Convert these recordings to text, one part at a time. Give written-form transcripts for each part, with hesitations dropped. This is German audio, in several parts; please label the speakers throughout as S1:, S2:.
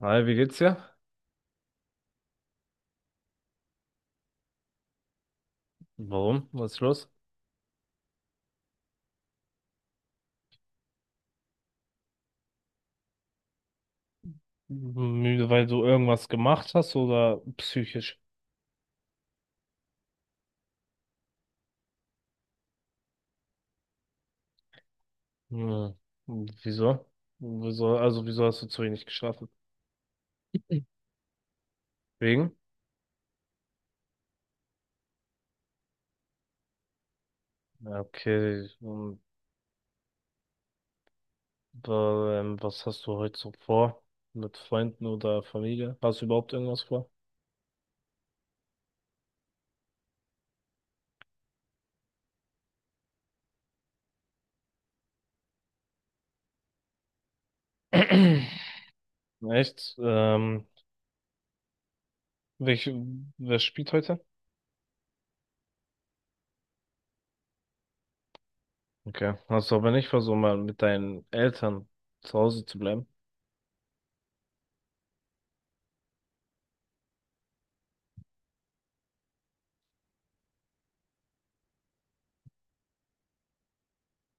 S1: Hi, wie geht's dir? Warum? Was ist los? Müde, weil du irgendwas gemacht hast oder psychisch? Hm, wieso? Wieso, hast du zu wenig geschlafen? Wegen? Ja, okay, und, was hast du heute so vor? Mit Freunden oder Familie? Hast du überhaupt irgendwas vor? Echt? Welch, wer spielt heute? Okay, hast du aber nicht versucht, mal mit deinen Eltern zu Hause zu bleiben?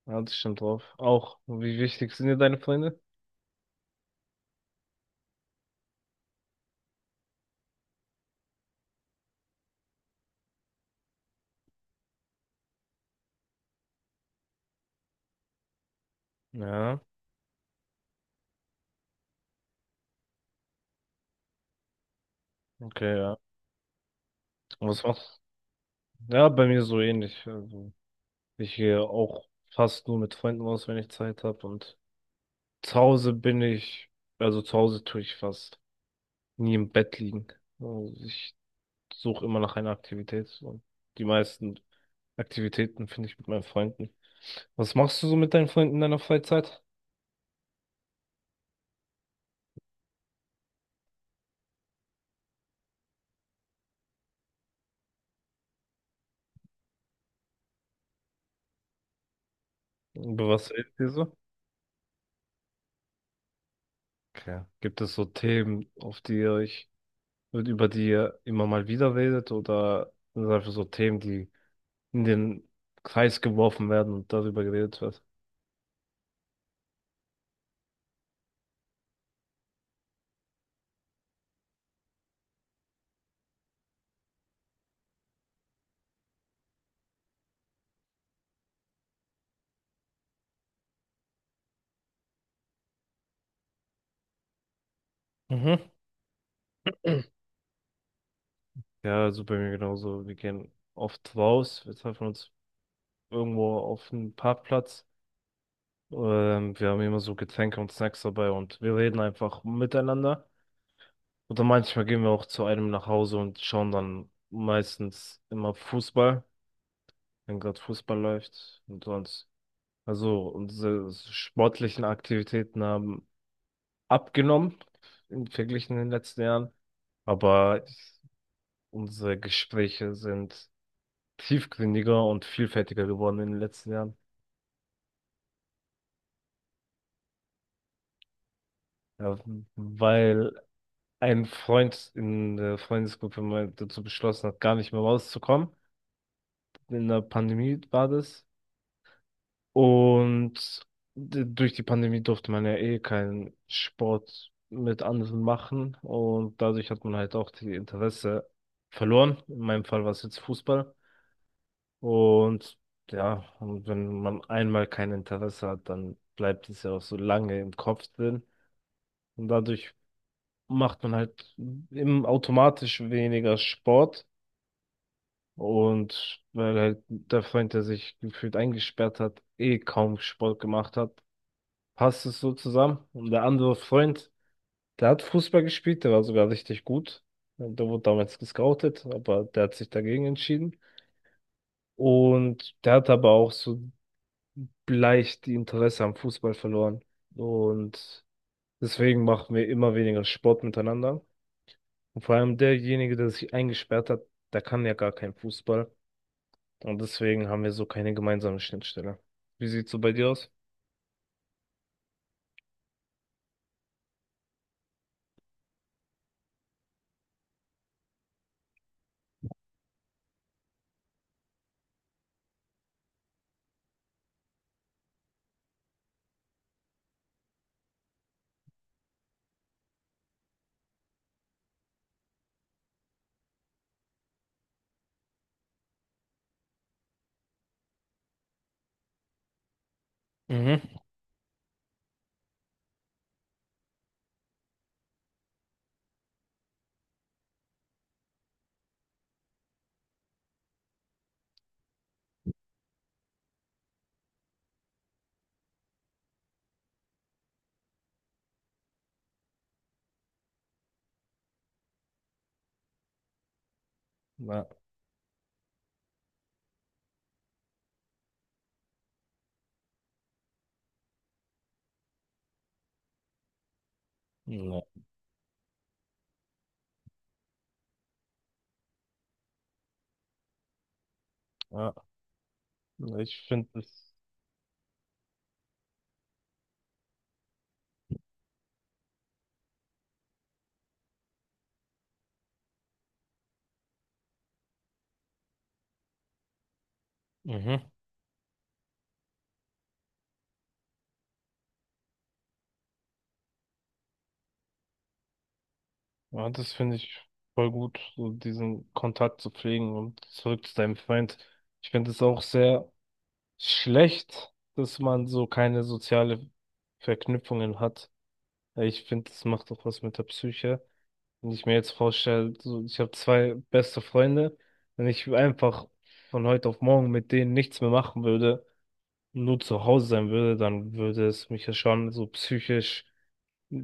S1: Ja, das stimmt drauf. Auch, wie wichtig sind dir deine Freunde? Ja, okay, ja. Und was machst du? Ja, bei mir so ähnlich. Also, ich gehe auch fast nur mit Freunden aus, wenn ich Zeit habe. Und zu Hause bin ich, also zu Hause tue ich fast nie im Bett liegen. Also, ich suche immer nach einer Aktivität. Und die meisten Aktivitäten finde ich mit meinen Freunden. Was machst du so mit deinen Freunden in deiner Freizeit? Über was redet ihr so? Okay. Gibt es so Themen, auf die ihr euch wird über die ihr immer mal wieder redet, oder sind das einfach so Themen, die in den Kreis geworfen werden und darüber geredet wird? Mhm. Ja, also bei mir genauso. Wir gehen oft raus, wir treffen uns irgendwo auf einem Parkplatz. Wir haben immer so Getränke und Snacks dabei und wir reden einfach miteinander. Oder manchmal gehen wir auch zu einem nach Hause und schauen dann meistens immer Fußball, wenn gerade Fußball läuft und sonst. Also unsere sportlichen Aktivitäten haben abgenommen im Vergleich in den letzten Jahren, aber unsere Gespräche sind tiefgründiger und vielfältiger geworden in den letzten Jahren, ja, weil ein Freund in der Freundesgruppe mal dazu beschlossen hat, gar nicht mehr rauszukommen. In der Pandemie war das. Und durch die Pandemie durfte man ja eh keinen Sport mit anderen machen, und dadurch hat man halt auch die Interesse verloren. In meinem Fall war es jetzt Fußball. Und ja, und wenn man einmal kein Interesse hat, dann bleibt es ja auch so lange im Kopf drin. Und dadurch macht man halt im automatisch weniger Sport. Und weil halt der Freund, der sich gefühlt eingesperrt hat, eh kaum Sport gemacht hat, passt es so zusammen. Und der andere Freund, der hat Fußball gespielt, der war sogar richtig gut. Der wurde damals gescoutet, aber der hat sich dagegen entschieden. Und der hat aber auch so leicht die Interesse am Fußball verloren. Und deswegen machen wir immer weniger Sport miteinander. Und vor allem derjenige, der sich eingesperrt hat, der kann ja gar keinen Fußball. Und deswegen haben wir so keine gemeinsame Schnittstelle. Wie sieht's so bei dir aus? Mhm. Na, na, ja. Ich finde das, mhm, ja, das finde ich voll gut, so diesen Kontakt zu pflegen, und zurück zu deinem Freund. Ich finde es auch sehr schlecht, dass man so keine soziale Verknüpfungen hat. Ich finde, das macht doch was mit der Psyche. Wenn ich mir jetzt vorstelle, so, ich habe zwei beste Freunde, wenn ich einfach von heute auf morgen mit denen nichts mehr machen würde, nur zu Hause sein würde, dann würde es mich ja schon so psychisch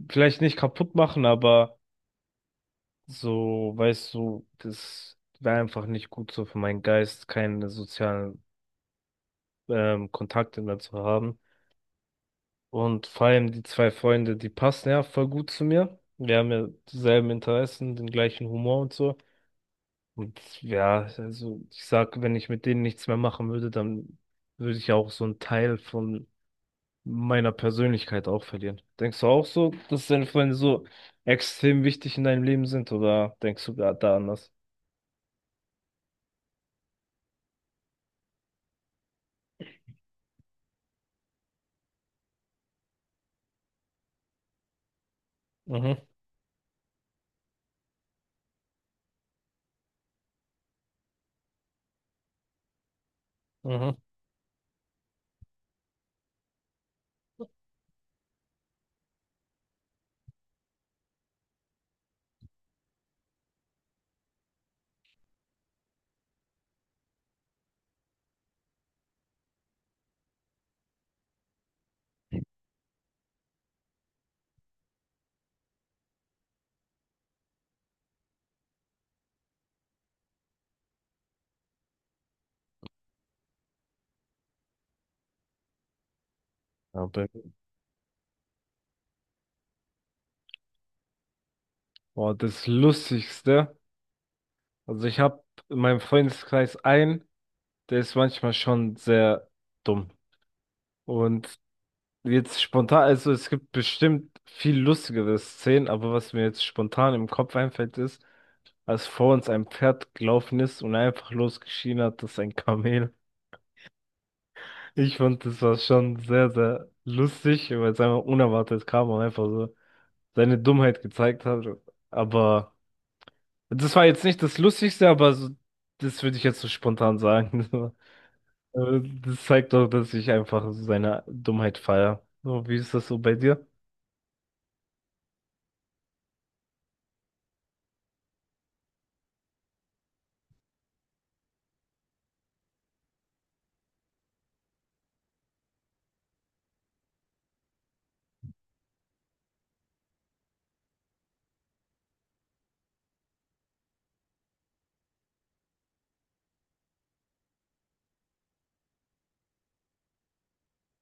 S1: vielleicht nicht kaputt machen, aber so, weißt du, das wäre einfach nicht gut so für meinen Geist, keine sozialen Kontakte mehr zu haben. Und vor allem die zwei Freunde, die passen ja voll gut zu mir. Wir haben ja dieselben Interessen, den gleichen Humor und so. Und ja, also ich sag, wenn ich mit denen nichts mehr machen würde, dann würde ich ja auch so einen Teil von meiner Persönlichkeit auch verlieren. Denkst du auch so, dass deine Freunde so extrem wichtig in deinem Leben sind, oder denkst du gerade da anders? Mhm, mhm. Ja, bei mir- Boah, das Lustigste. Also ich habe in meinem Freundeskreis einen, der ist manchmal schon sehr dumm. Und jetzt spontan, also es gibt bestimmt viel lustigere Szenen, aber was mir jetzt spontan im Kopf einfällt, ist, als vor uns ein Pferd gelaufen ist und einfach losgeschrien hat, das ist ein Kamel. Ich fand, das war schon sehr, sehr lustig, weil es einfach unerwartet kam und einfach so seine Dummheit gezeigt hat. Aber das war jetzt nicht das Lustigste, aber so, das würde ich jetzt so spontan sagen. Aber das zeigt doch, dass ich einfach seine Dummheit feiere. So, wie ist das so bei dir?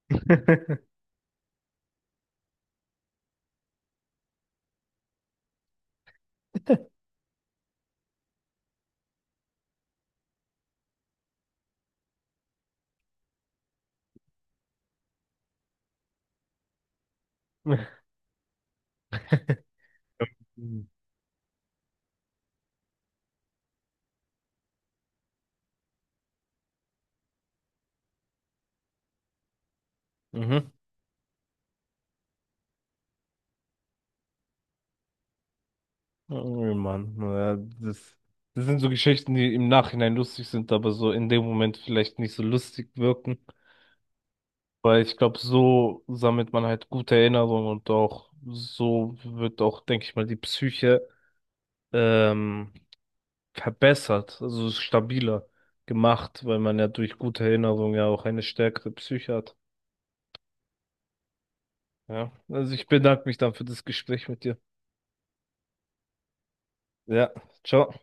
S1: Mhm. Oh Mann, ja, das, das sind so Geschichten, die im Nachhinein lustig sind, aber so in dem Moment vielleicht nicht so lustig wirken. Weil ich glaube, so sammelt man halt gute Erinnerungen, und auch so wird auch, denke ich mal, die Psyche ähm, verbessert, also stabiler gemacht, weil man ja durch gute Erinnerungen ja auch eine stärkere Psyche hat. Ja, also ich bedanke mich dann für das Gespräch mit dir. Ja, ciao.